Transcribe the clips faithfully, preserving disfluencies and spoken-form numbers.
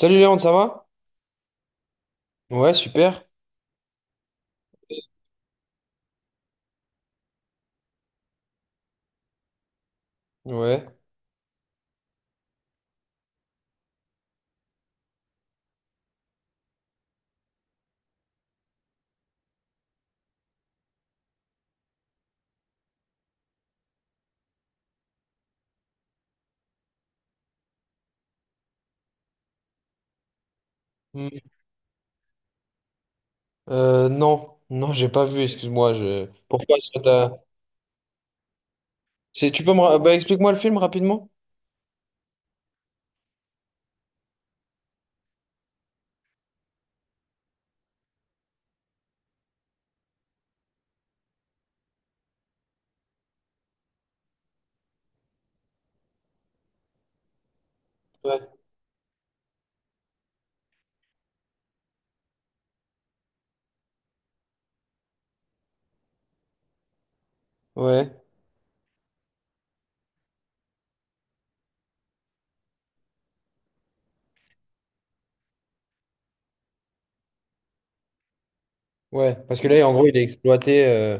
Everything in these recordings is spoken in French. Salut Léon, ça va? Ouais, super. Ouais. Hmm. Euh, non, non, j'ai pas vu, excuse-moi. Je... Pourquoi ça t'a- C'est- Tu peux me... ra- Bah, explique-moi le film rapidement. Ouais. Ouais, ouais. Parce que là, en gros, il est exploité. euh,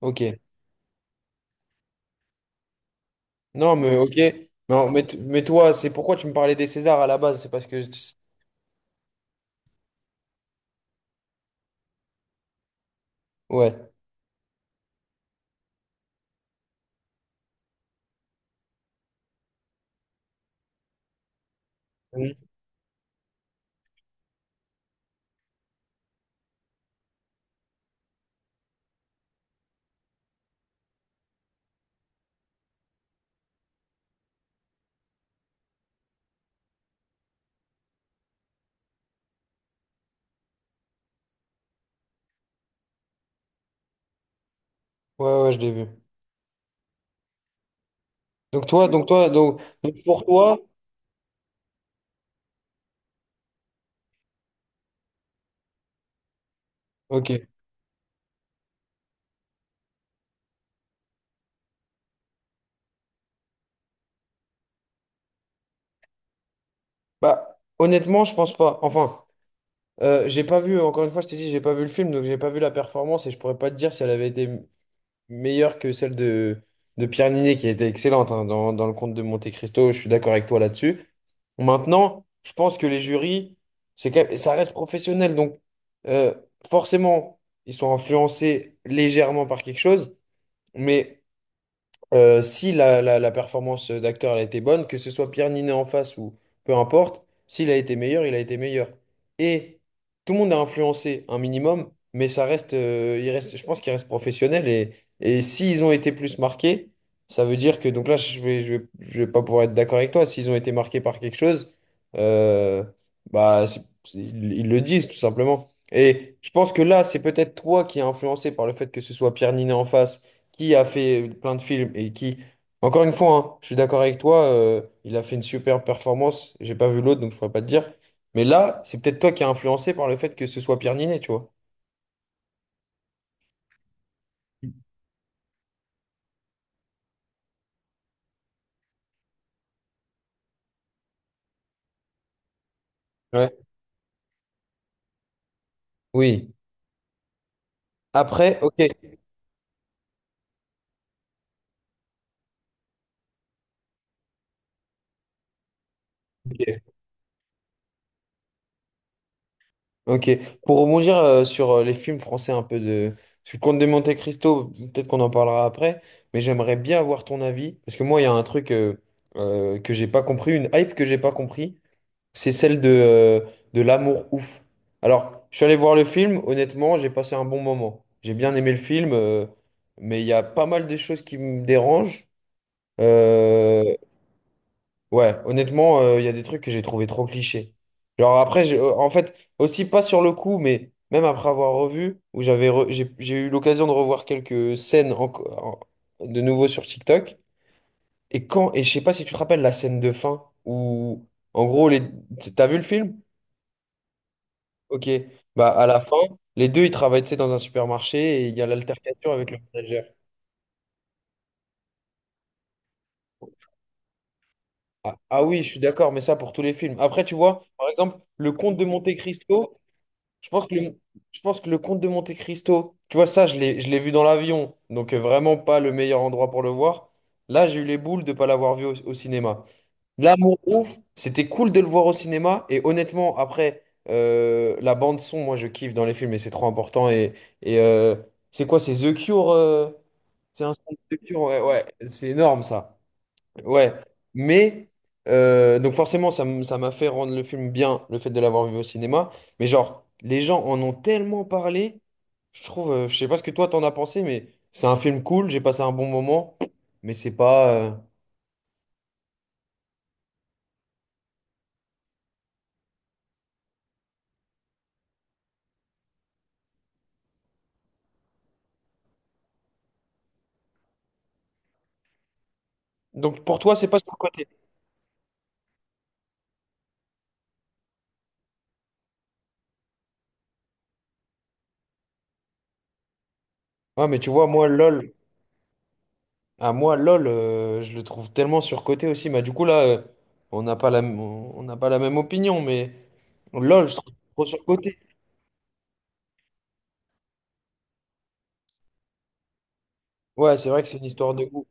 Ok. Non, mais ok. Non, mais, t- mais toi, c'est pourquoi tu me parlais des Césars à la base? C'est parce que... Ouais. Ouais, ouais, je l'ai vu. Donc toi, donc toi, donc, donc pour toi, ok. Bah, honnêtement, je pense pas. Enfin, euh, j'ai pas vu, encore une fois, je t'ai dit, j'ai pas vu le film, donc j'ai pas vu la performance et je pourrais pas te dire si elle avait été m- meilleure que celle de, de Pierre Niney, qui était excellente hein, dans, dans le conte de Monte Cristo. Je suis d'accord avec toi là-dessus. Maintenant, je pense que les jurys, c'est quand même- ça reste professionnel, donc euh, forcément, ils sont influencés légèrement par quelque chose, mais. Euh, si la, la- la performance d'acteur elle a été bonne, que ce soit Pierre Ninet en face ou peu importe, s'il a été meilleur, il a été meilleur. Et tout le monde a influencé un minimum, mais ça reste, euh, il reste, je pense qu'il reste professionnel. Et, et s'ils ont été plus marqués, ça veut dire que, donc là, je vais, je vais, je vais pas pouvoir être d'accord avec toi, s'ils ont été marqués par quelque chose, euh, bah, c'est- c'est- ils, ils le disent tout simplement. Et je pense que là, c'est peut-être toi qui es influencé par le fait que ce soit Pierre Ninet en face qui a fait plein de films et qui, encore une fois, hein, je suis d'accord avec toi, euh, il a fait une super performance. J'ai pas vu l'autre, donc je pourrais pas te dire. Mais là, c'est peut-être toi qui as influencé par le fait que ce soit Pierre Ninet, tu vois. Ouais. Oui. Après, ok. Ok. Ok. Pour rebondir euh, sur euh, les films français un peu de. Sur le Comte de Monte Cristo, peut-être qu'on en parlera après, mais j'aimerais bien avoir ton avis, parce que moi, il y a un truc euh, euh, que j'ai pas compris, une hype que j'ai pas compris. C'est celle de, euh, de l'amour ouf. Alors, je suis allé voir le film, honnêtement, j'ai passé un bon moment. J'ai bien aimé le film, euh, mais il y a pas mal de choses qui me dérangent. Euh, ouais, honnêtement, euh, il y a des trucs que j'ai trouvé trop clichés. Genre après, j'ai- euh, en fait, aussi pas sur le coup, mais même après avoir revu, où j'avais re- j'ai j'ai eu l'occasion de revoir quelques scènes enco- en- de nouveau sur tik tok. Et quand, et je sais pas si tu te rappelles la scène de fin où, en gros, les, t'as vu le film? Ok. Bah, à la fin, les deux, ils travaillent, tu sais, dans un supermarché et il y a l'altercation avec le manager. Ah, ah oui, je suis d'accord, mais ça pour tous les films. Après, tu vois, par exemple, le Comte de Monte-Cristo, je pense que le, je pense que le Comte de Monte-Cristo, tu vois, ça, je l'ai, je l'ai vu dans l'avion, donc euh, vraiment pas le meilleur endroit pour le voir. Là, j'ai eu les boules de ne pas l'avoir vu au, au cinéma. L'amour ouf, c'était cool de le voir au cinéma et honnêtement, après, euh, la bande son, moi, je kiffe dans les films et c'est trop important et, et, euh, c'est quoi, c'est The Cure? euh, C'est un centre de culture, ouais, ouais, c'est énorme ça. Ouais. Mais, euh, donc forcément, ça m- ça m'a fait rendre le film bien, le fait de l'avoir vu au cinéma. Mais genre, les gens en ont tellement parlé, je trouve, euh, je sais pas ce que toi t'en as pensé, mais c'est un film cool, j'ai passé un bon moment, mais c'est pas. euh, Donc pour toi, c'est pas surcoté. Ouais, mais tu vois, moi, L O L, à moi, L O L, euh, je le trouve tellement surcoté aussi. Mais du coup, là, euh, on n'a pas la, m- on n'a pas la même opinion, mais L O L, je trouve trop surcoté. Ouais, c'est vrai que c'est une histoire de goût.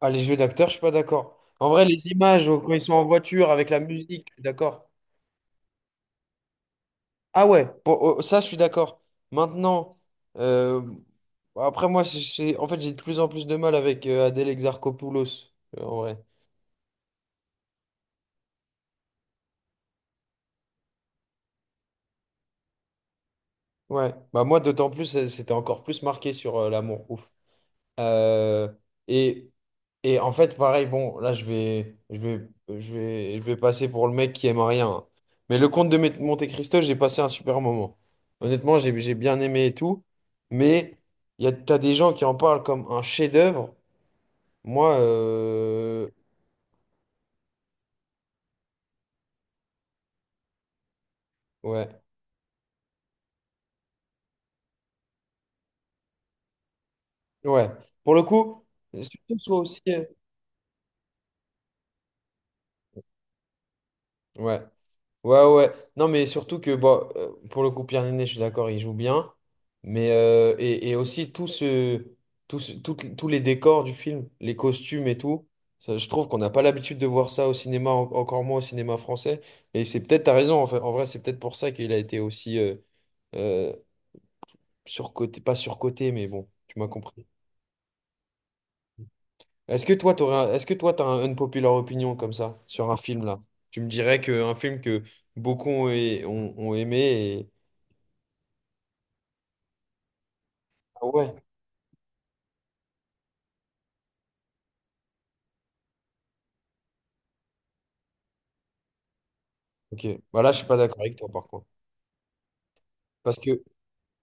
Ah, les jeux d'acteurs, je suis pas d'accord. En vrai, les images, oh, quand ils sont en voiture avec la musique, je suis d'accord. Ah ouais, pour- oh, ça, je suis d'accord. Maintenant, euh, après, moi, c'est, c'est- en fait, j'ai de plus en plus de mal avec euh, Adèle Exarchopoulos, euh, en vrai. Ouais, bah moi, d'autant plus, euh, c'était encore plus marqué sur euh, l'amour. Ouf. Euh, et, et en fait, pareil, bon, là, je vais, je vais, je vais, je vais passer pour le mec qui aime rien, hein. Mais le comte de Mé- Monte Cristo, j'ai passé un super moment. Honnêtement, j'ai, j'ai bien aimé et tout. Mais il y a, t'as des gens qui en parlent comme un chef-d'œuvre. Moi, euh, ouais, ouais. Pour le coup, surtout, soit aussi. euh, Ouais. Ouais, ouais. Non, mais surtout que, bon, euh, pour le coup, Pierre Niney, je suis d'accord, il joue bien. Mais, euh, et, et aussi, tout ce, tout ce- toutes- tous les décors du film, les costumes et tout, ça, je trouve qu'on n'a pas l'habitude de voir ça au cinéma, en- encore moins au cinéma français. Et c'est peut-être, t'as raison, en fait, en vrai, c'est peut-être pour ça qu'il a été aussi euh, euh, surcoté, pas surcoté, mais bon, tu m'as compris. Est-ce que toi, t'aurais un- est-ce que toi, t'as un unpopular opinion comme ça, sur un film là? Tu me dirais qu'un film que beaucoup ont, ont- ont aimé et. Ah ouais. Ok, bah là je suis pas d'accord avec toi par contre. Parce que,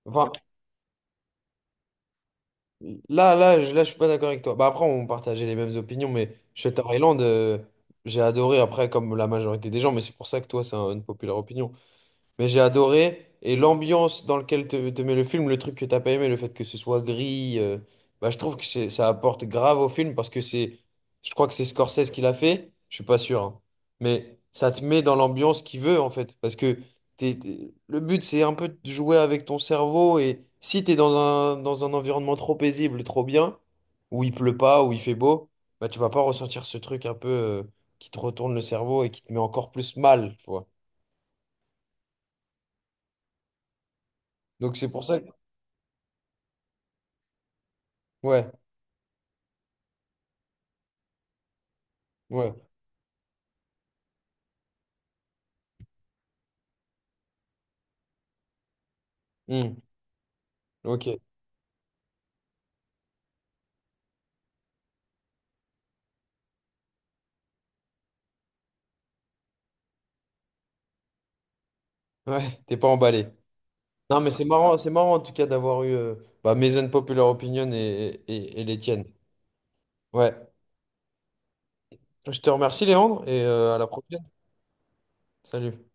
enfin, là, là, je- là je suis pas d'accord avec toi. Bah après on partageait les mêmes opinions, mais Shutter Island, euh, j'ai adoré après comme la majorité des gens, mais c'est pour ça que toi c'est un- une populaire opinion. Mais j'ai adoré. Et l'ambiance dans laquelle te, te met le film, le truc que t'as pas aimé, le fait que ce soit gris, euh, bah, je trouve que c'est, ça apporte grave au film parce que c'est, je crois que c'est Scorsese qui l'a fait, je suis pas sûr, hein. Mais ça te met dans l'ambiance qu'il veut en fait, parce que t'es- t'es- le but c'est un peu de jouer avec ton cerveau et si t'es dans un, dans un environnement trop paisible, trop bien, où il pleut pas, où il fait beau, bah tu vas pas ressentir ce truc un peu euh, qui te retourne le cerveau et qui te met encore plus mal, tu vois. Donc c'est pour ça que... Ouais. Ouais. Hmm. Ok. Ouais, t'es pas emballé. Non, mais c'est marrant, c'est marrant en tout cas d'avoir eu euh, bah, mes unpopular opinions et, et, et les tiennes. Ouais. Je te remercie, Léandre, et euh, à la prochaine. Salut.